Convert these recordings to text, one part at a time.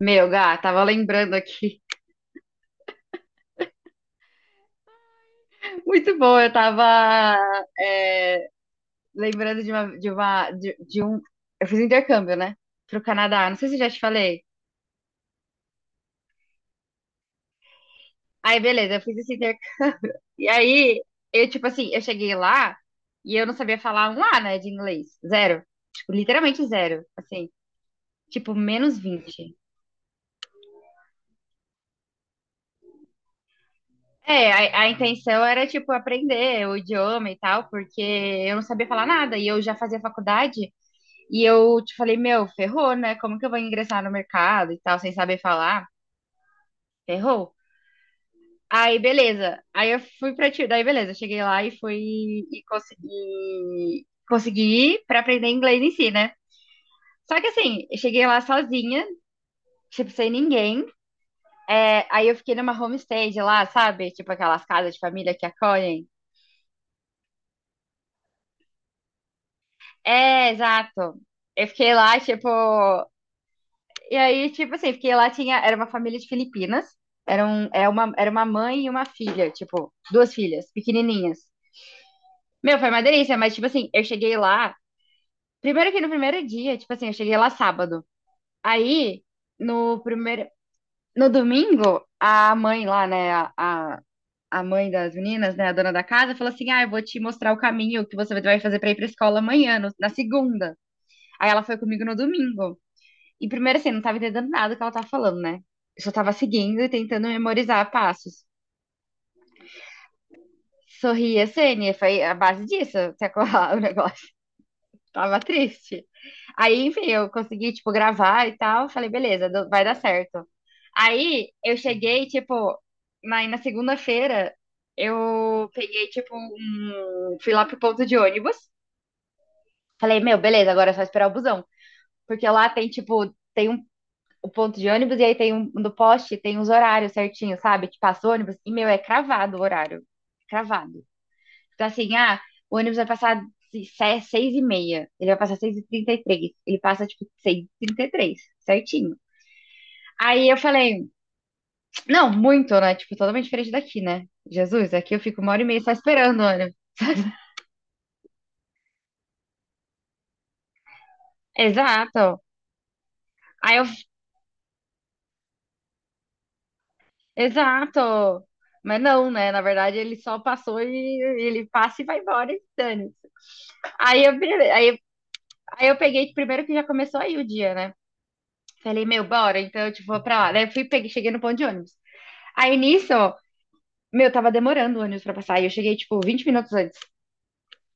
Meu, Gá, tava lembrando aqui. Muito bom, eu tava é, lembrando de um. Eu fiz um intercâmbio, né? Pro Canadá. Não sei se eu já te falei. Aí, beleza, eu fiz esse intercâmbio. E aí, eu, tipo assim, eu cheguei lá e eu não sabia falar um A, né, de inglês. Zero. Tipo, literalmente zero. Assim, tipo, menos 20. É, a intenção era, tipo, aprender o idioma e tal, porque eu não sabia falar nada. E eu já fazia faculdade. E eu te falei, meu, ferrou, né? Como que eu vou ingressar no mercado e tal, sem saber falar? Ferrou. Aí, beleza. Aí eu fui pra ti. Daí, beleza. Cheguei lá e fui e consegui, consegui ir pra aprender inglês em si, né? Só que assim, eu cheguei lá sozinha, tipo, sem ninguém. É, aí eu fiquei numa homestay de lá, sabe? Tipo aquelas casas de família que acolhem. É, exato. Eu fiquei lá, tipo, e aí, tipo assim, porque lá tinha, era uma família de Filipinas, era, um, é uma, era uma mãe e uma filha, tipo, duas filhas, pequenininhas. Meu, foi uma delícia, mas, tipo assim, eu cheguei lá, primeiro que no primeiro dia, tipo assim, eu cheguei lá sábado. Aí, no primeiro, no domingo, a mãe lá, né, a mãe das meninas, né, a dona da casa, falou assim, ah, eu vou te mostrar o caminho que você vai fazer pra ir pra escola amanhã, na segunda. Aí ela foi comigo no domingo. E primeiro, assim, não tava entendendo nada do que ela tava falando, né? Eu só tava seguindo e tentando memorizar passos. Sorria, Sênia, foi a base disso, até colar o negócio. Tava triste. Aí, enfim, eu consegui, tipo, gravar e tal. Falei, beleza, vai dar certo. Aí, eu cheguei, tipo, na segunda-feira, eu peguei, tipo, um... Fui lá pro ponto de ônibus. Falei, meu, beleza, agora é só esperar o busão. Porque lá tem, tipo, tem um o ponto de ônibus e aí tem um no poste tem os horários certinhos, sabe? Que passa o ônibus e meu é cravado o horário, cravado. Então assim, ah, o ônibus vai passar seis e meia, ele vai passar seis e trinta e três, ele passa tipo seis e trinta e três, certinho. Aí eu falei, não, muito, né? Tipo, totalmente diferente daqui, né? Jesus, aqui eu fico uma hora e meia só esperando o ônibus. Exato. Aí eu, exato. Mas não, né? Na verdade, ele só passou e ele passa e vai embora e dane. Aí eu, aí eu peguei, primeiro que já começou aí o dia, né? Falei, meu, bora, então, tipo, vou pra lá. Daí eu fui, peguei, cheguei no ponto de ônibus. Aí nisso, meu, tava demorando o ônibus pra passar. E eu cheguei, tipo, 20 minutos antes.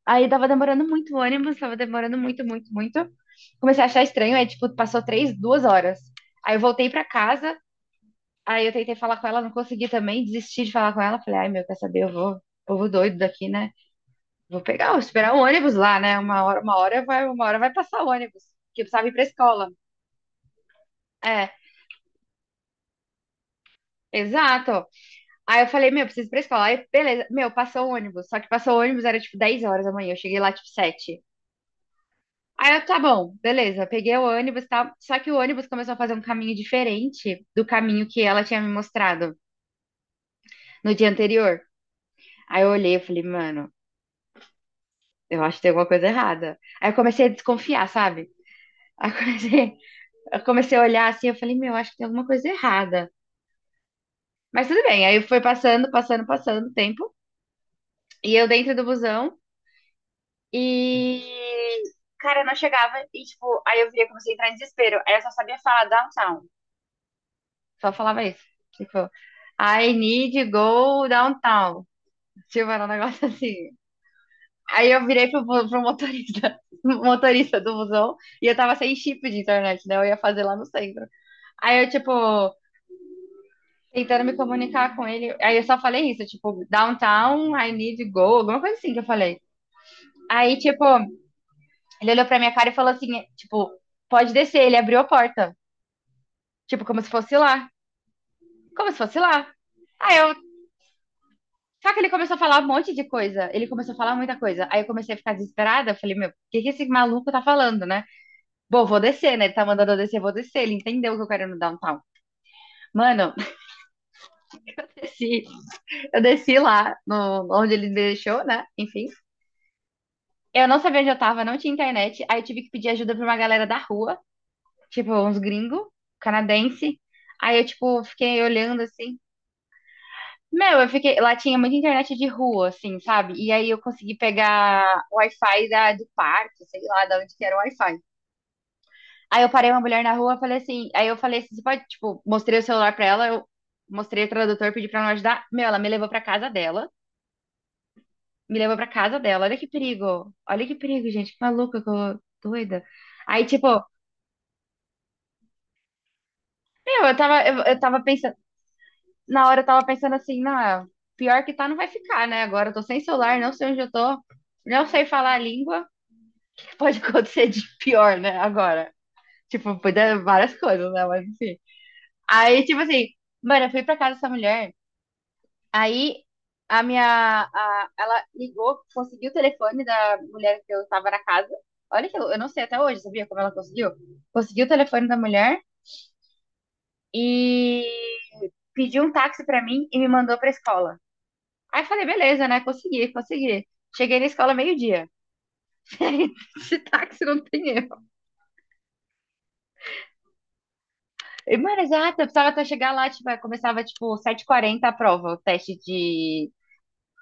Aí tava demorando muito o ônibus, tava demorando muito, muito, muito. Comecei a achar estranho, aí, tipo, passou três, duas horas. Aí eu voltei pra casa, aí eu tentei falar com ela, não consegui também, desisti de falar com ela. Falei, ai, meu, quer saber, eu vou, povo doido daqui, né? Vou pegar, vou esperar o ônibus lá, né? Uma hora vai passar o ônibus, que eu precisava ir pra escola. É. Exato. Aí eu falei, meu, preciso ir pra escola. Aí, beleza. Meu, passou o ônibus. Só que passou o ônibus, era tipo 10 horas da manhã. Eu cheguei lá tipo 7. Aí eu, tá bom, beleza. Peguei o ônibus, tá? Só que o ônibus começou a fazer um caminho diferente do caminho que ela tinha me mostrado no dia anterior. Aí eu olhei e falei, mano, eu acho que tem alguma coisa errada. Aí eu comecei a desconfiar, sabe? Aí eu comecei, eu comecei a olhar assim, eu falei, meu, acho que tem alguma coisa errada. Mas tudo bem. Aí foi passando, passando, passando o tempo. E eu dentro do busão. E, cara, eu não chegava e, tipo, aí eu via, comecei a entrar em desespero. Aí eu só sabia falar downtown. Só falava isso. Tipo, I need to go downtown. Tipo, era um negócio assim. Aí eu virei pro motorista, motorista do busão e eu tava sem chip de internet, né? Eu ia fazer lá no centro. Aí eu, tipo, tentando me comunicar com ele. Aí eu só falei isso, tipo, downtown, I need to go, alguma coisa assim que eu falei. Aí, tipo, ele olhou pra minha cara e falou assim, tipo, pode descer. Ele abriu a porta. Tipo, como se fosse lá. Como se fosse lá. Aí eu. Só que ele começou a falar um monte de coisa. Ele começou a falar muita coisa. Aí eu comecei a ficar desesperada. Eu falei, meu, o que que esse maluco tá falando, né? Bom, vou descer, né? Ele tá mandando eu descer, vou descer. Ele entendeu que eu quero ir no downtown. Mano, eu desci. Eu desci lá, no, onde ele me deixou, né? Enfim. Eu não sabia onde eu tava, não tinha internet. Aí eu tive que pedir ajuda pra uma galera da rua. Tipo, uns gringos, canadense. Aí eu, tipo, fiquei olhando assim. Meu, eu fiquei. Lá tinha muita internet de rua, assim, sabe? E aí eu consegui pegar o Wi-Fi do parque, sei lá, da onde que era o Wi-Fi. Aí eu parei uma mulher na rua, falei assim. Aí eu falei assim: você pode, tipo, mostrei o celular pra ela, eu mostrei o tradutor, pedi pra ela me ajudar. Meu, ela me levou pra casa dela. Me levou pra casa dela. Olha que perigo. Olha que perigo, gente. Que maluca, doida. Aí, tipo, meu, eu tava, eu tava pensando. Na hora eu tava pensando assim, não, é, pior que tá, não vai ficar, né? Agora eu tô sem celular, não sei onde eu tô, não sei falar a língua. Pode acontecer de pior, né? Agora. Tipo, pode dar várias coisas, né? Mas enfim. Aí, tipo assim, mano, eu fui pra casa dessa mulher. Aí a minha. Ela ligou, conseguiu o telefone da mulher que eu tava na casa. Olha que eu não sei até hoje, sabia como ela conseguiu? Conseguiu o telefone da mulher e pediu um táxi pra mim e me mandou pra escola. Aí eu falei, beleza, né? Consegui, consegui. Cheguei na escola meio-dia. Esse táxi não tem erro. E, mano, exato, eu precisava até chegar lá, tipo, começava tipo sete h 40 a prova, o teste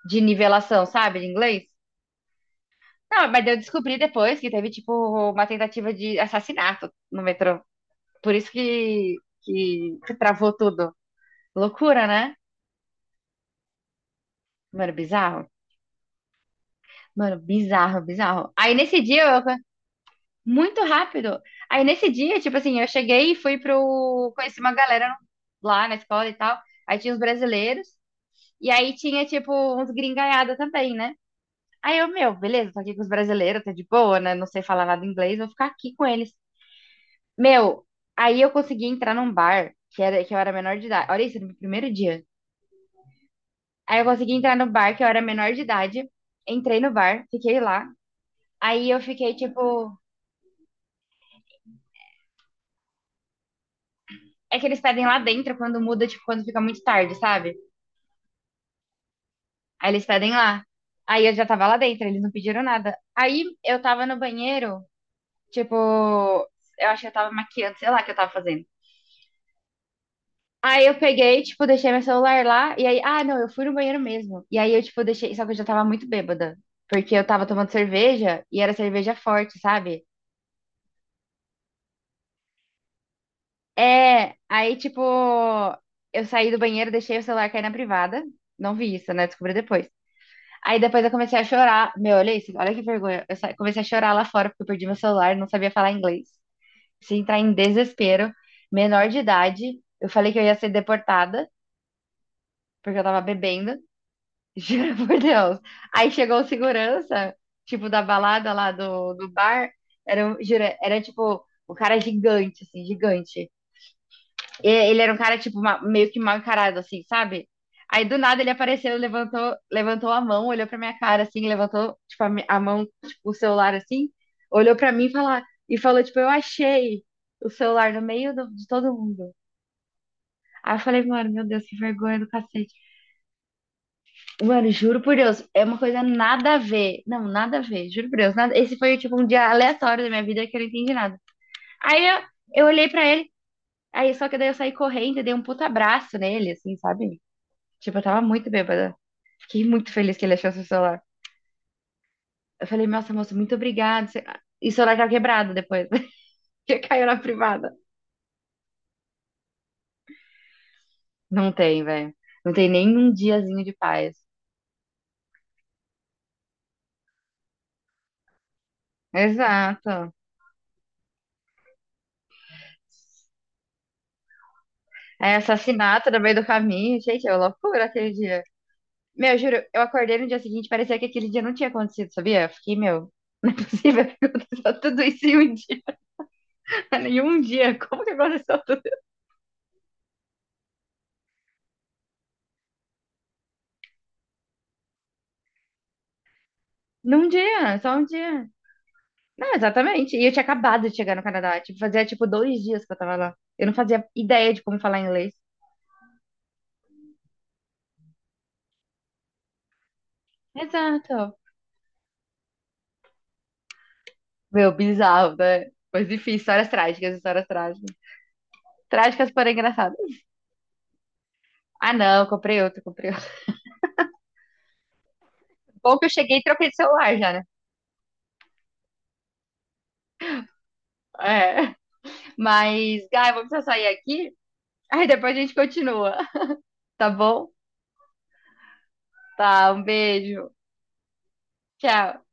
de nivelação, sabe, de inglês. Não, mas eu descobri depois que teve tipo uma tentativa de assassinato no metrô. Por isso que, que travou tudo. Loucura, né? Mano, bizarro. Mano, bizarro, bizarro. Aí nesse dia, eu, muito rápido. Aí nesse dia, tipo assim, eu cheguei e fui pro. Conheci uma galera lá na escola e tal. Aí tinha os brasileiros. E aí tinha, tipo, uns gringaiada também, né? Aí eu, meu, beleza, tô aqui com os brasileiros, tá de boa, né? Não sei falar nada inglês, vou ficar aqui com eles. Meu, aí eu consegui entrar num bar que era, que eu era menor de idade. Olha isso, no meu primeiro dia. Aí eu consegui entrar no bar que eu era menor de idade. Entrei no bar, fiquei lá. Aí eu fiquei, tipo. É que eles pedem lá dentro quando muda, tipo, quando fica muito tarde, sabe? Aí eles pedem lá. Aí eu já tava lá dentro, eles não pediram nada. Aí eu tava no banheiro. Tipo, eu acho que eu tava maquiando, sei lá o que eu tava fazendo. Aí eu peguei, tipo, deixei meu celular lá, e aí, ah, não, eu fui no banheiro mesmo. E aí eu, tipo, deixei, só que eu já tava muito bêbada, porque eu tava tomando cerveja, e era cerveja forte, sabe? É, aí, tipo, eu saí do banheiro, deixei o celular cair na privada, não vi isso, né? Descobri depois. Aí depois eu comecei a chorar, meu, olha isso, olha que vergonha. Comecei a chorar lá fora, porque eu perdi meu celular, não sabia falar inglês. Se entrar em desespero, menor de idade. Eu falei que eu ia ser deportada, porque eu tava bebendo, juro por Deus. Aí chegou o segurança, tipo, da balada lá do bar. Era, juro, era tipo, o cara gigante, assim, gigante. E ele era um cara, tipo, meio que mal encarado, assim, sabe? Aí do nada ele apareceu, levantou, levantou a mão, olhou pra minha cara, assim, levantou, tipo, a, a mão, tipo, o celular, assim, olhou pra mim e falou, tipo, eu achei o celular no meio do- de todo mundo. Aí eu falei, mano, meu Deus, que vergonha do cacete. Mano, juro por Deus, é uma coisa nada a ver. Não, nada a ver, juro por Deus. Esse foi, tipo, um dia aleatório da minha vida que eu não entendi nada. Aí eu olhei pra ele, aí só que daí eu saí correndo e dei um puta abraço nele, assim, sabe? Tipo, eu tava muito bêbada. Fiquei muito feliz que ele achou seu celular. Eu falei, nossa, moço, muito obrigado. Você- E o celular tava quebrado depois, que caiu na privada. Não tem, velho. Não tem nem um diazinho de paz. Exato. É, assassinato no meio do caminho, gente, é uma loucura aquele dia. Meu, juro, eu acordei no dia seguinte, parecia que aquele dia não tinha acontecido, sabia? Eu fiquei, meu, não é possível que aconteceu tudo isso em um dia. Em um dia, como que aconteceu tudo isso? Num dia, só um dia. Não, exatamente. E eu tinha acabado de chegar no Canadá, tipo, fazia tipo dois dias que eu tava lá. Eu não fazia ideia de como falar inglês. Exato. Meu, bizarro, né? Mas enfim, histórias trágicas, histórias trágicas. Trágicas, porém engraçadas. Ah, não, comprei outro, comprei outro. Bom que eu cheguei e troquei de celular já, né? É. Mas, Gá, eu vou precisar sair aqui. Aí depois a gente continua, tá bom? Tá, um beijo. Tchau.